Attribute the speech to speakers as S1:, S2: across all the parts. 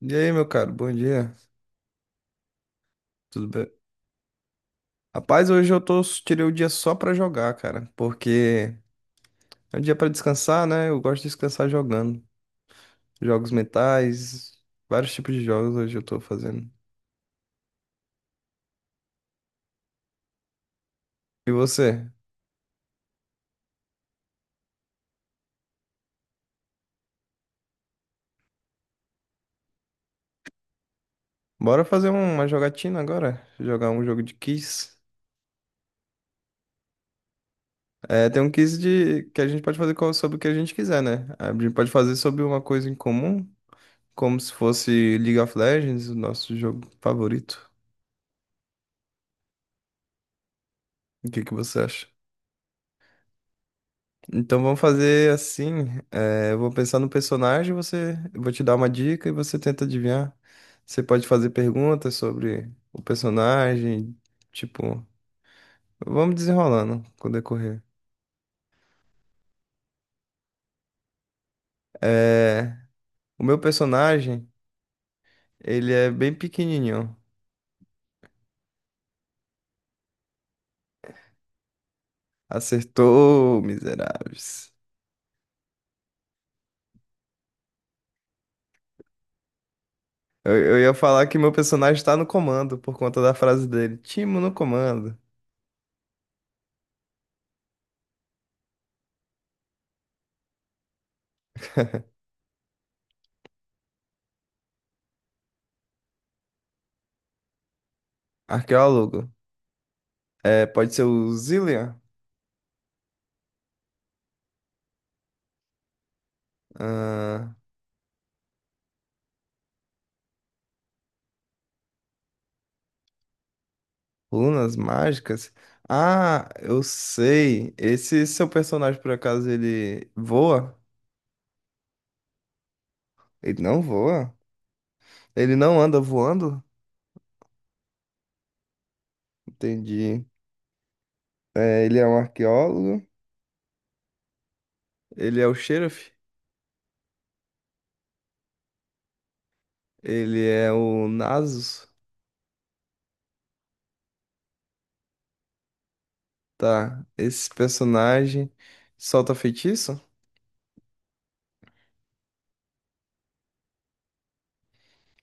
S1: E aí, meu caro, bom dia. Tudo bem? Rapaz, hoje tirei o dia só pra jogar, cara, porque é um dia pra descansar, né? Eu gosto de descansar jogando. Jogos mentais, vários tipos de jogos hoje eu tô fazendo. E você? Bora fazer uma jogatina agora? Jogar um jogo de quiz. É, tem um quiz de que a gente pode fazer sobre o que a gente quiser, né? A gente pode fazer sobre uma coisa em comum, como se fosse League of Legends, o nosso jogo favorito. O que que você acha? Então vamos fazer assim. Eu vou pensar no personagem, você, eu vou te dar uma dica e você tenta adivinhar. Você pode fazer perguntas sobre o personagem, tipo, vamos desenrolando com o decorrer. Eh, o meu personagem, ele é bem pequenininho. Acertou, miseráveis. Eu ia falar que meu personagem está no comando por conta da frase dele. Timo no comando. Arqueólogo. Pode ser o Zillian? Ah, Lunas mágicas? Ah, eu sei. Esse seu personagem, por acaso, ele voa? Ele não voa? Ele não anda voando? Entendi. É, ele é um arqueólogo. Ele é o Sheriff. Ele é o Nasus. Tá. Esse personagem solta feitiço?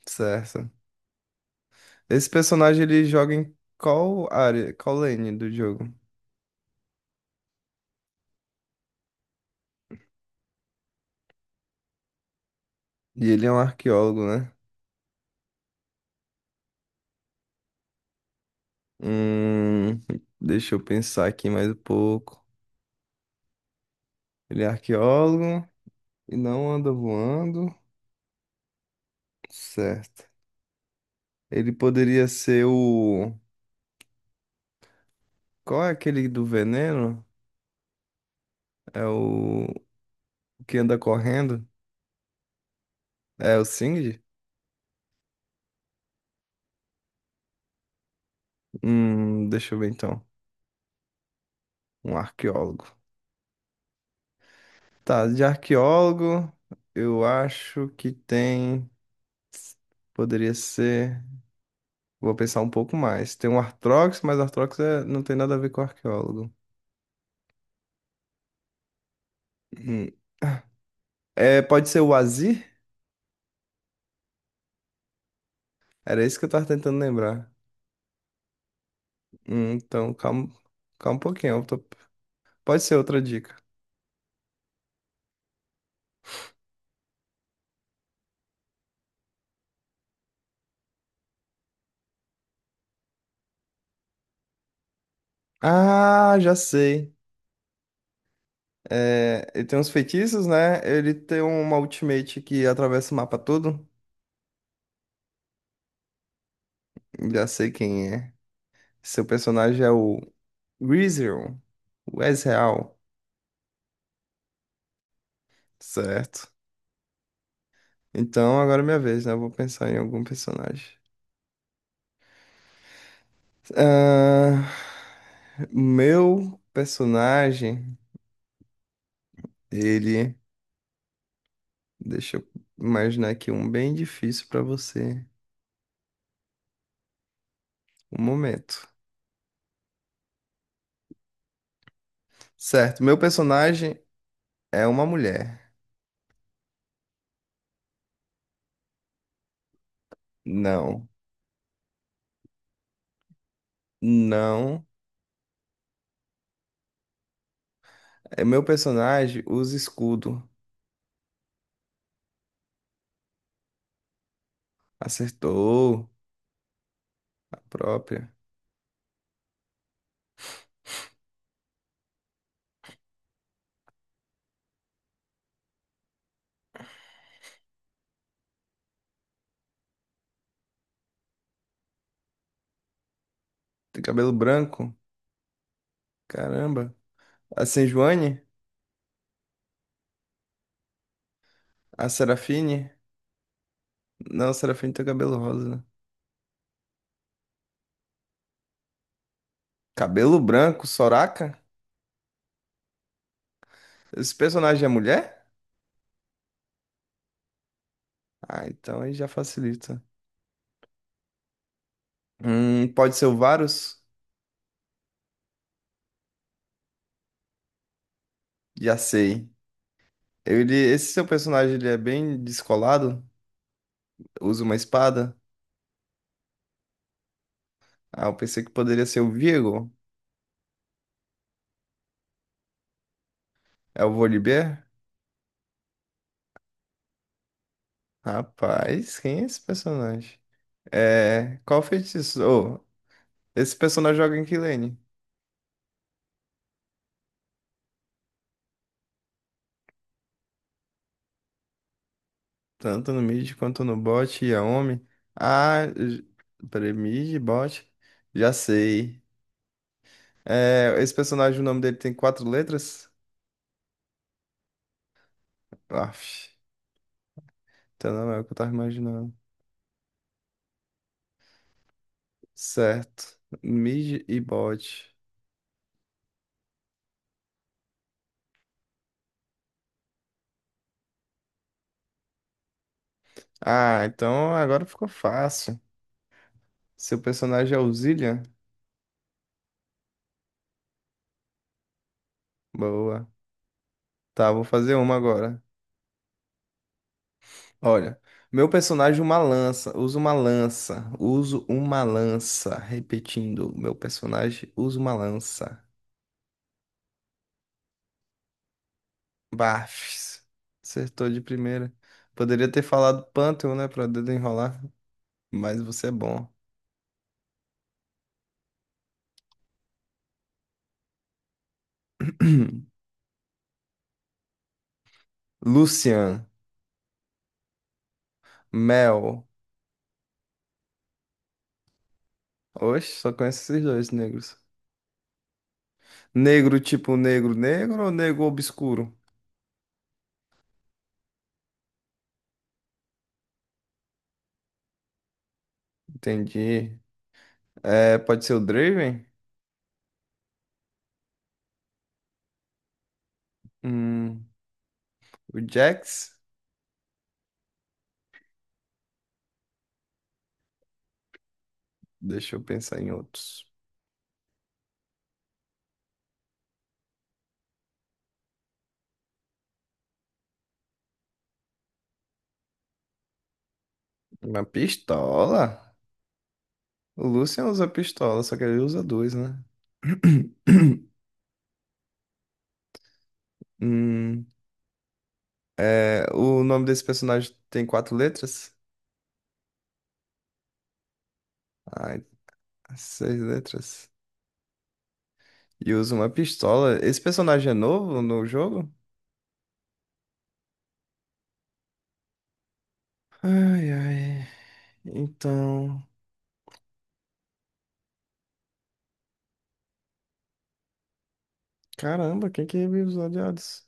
S1: Certo. Esse personagem ele joga em qual área, qual lane do jogo? E ele é um arqueólogo, né? Hum, deixa eu pensar aqui mais um pouco. Ele é arqueólogo e não anda voando. Certo. Ele poderia ser o. Qual é aquele do veneno? É o que anda correndo? É o Singed? Deixa eu ver então. Um arqueólogo. Tá, de arqueólogo, eu acho que tem. Poderia ser. Vou pensar um pouco mais. Tem um Arthrox, mas Arthrox é não tem nada a ver com arqueólogo. Hum. É, pode ser o Azir? Era isso que eu tava tentando lembrar. Então, calma, calma um pouquinho. Pode ser outra dica. Ah, já sei. É, ele tem uns feitiços, né? Ele tem uma ultimate que atravessa o mapa todo. Já sei quem é. Seu personagem é o Weezil. O Ezreal. Certo. Então, agora é minha vez, né? Eu vou pensar em algum personagem. Ah, meu personagem, ele... Deixa eu imaginar aqui um bem difícil pra você. Um momento. Certo, meu personagem é uma mulher. Não, não. É meu personagem usa escudo. Acertou a própria. Tem cabelo branco? Caramba. A Sejuani? A Serafine? Não, a Serafine tem cabelo rosa. Né? Cabelo branco, Soraka? Esse personagem é mulher? Ah, então aí já facilita. Pode ser o Varus? Já sei. Esse seu personagem ele é bem descolado? Usa uma espada? Ah, eu pensei que poderia ser o Viego. É o Volibear? Rapaz, quem é esse personagem? É. Qual feitiço? Ô, esse personagem joga em que lane? Tanto no mid quanto no bot e a Omi. Ah, peraí, mid, bot. Já sei. É, esse personagem, o nome dele tem quatro letras? Aff, então não é o que eu tava imaginando. Certo. Mid e bot. Ah, então agora ficou fácil. Seu personagem é o Zillian? Boa. Tá, vou fazer uma agora. Olha, meu personagem uma lança, usa uma lança, uso uma lança. Repetindo, meu personagem usa uma lança. Bafs. Acertou de primeira. Poderia ter falado Pantheon, né, pra desenrolar, mas você é bom. Lucian, Mel. Oxe, só conheço esses dois negros. Negro tipo negro negro ou negro obscuro? Entendi. É, pode ser o Draven? Hum, o Jax? Deixa eu pensar em outros. Uma pistola? O Lucian usa pistola, só que ele usa dois, né? Hum, é, o nome desse personagem tem quatro letras? Ai, seis letras. E usa uma pistola. Esse personagem é novo no jogo? Ai, ai. Então. Caramba, quem que revive os odiados?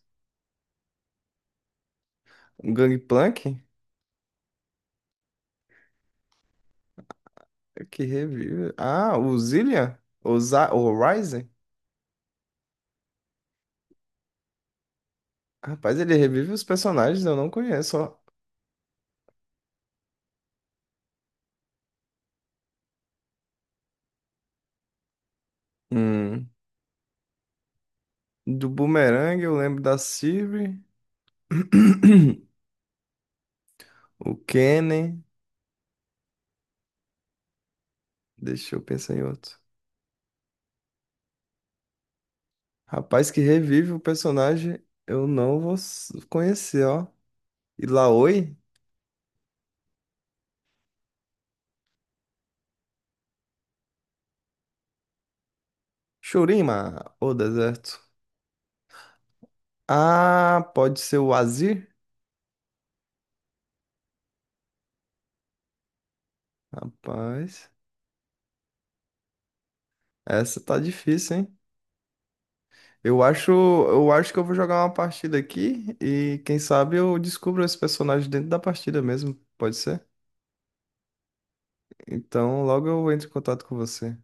S1: O Gangplank? Que revive. Ah, o Zillian? O Ryzen? Rapaz, ele revive os personagens, eu não conheço, ó. Hum. Do Boomerang, eu lembro da Sylvie, o Kennen. Deixa eu pensar em outro. Rapaz que revive o personagem, eu não vou conhecer, ó. E Laoi? Shurima, o deserto. Ah, pode ser o Azir? Rapaz, essa tá difícil, hein? Eu acho que eu vou jogar uma partida aqui e quem sabe eu descubro esse personagem dentro da partida mesmo, pode ser? Então logo eu entro em contato com você.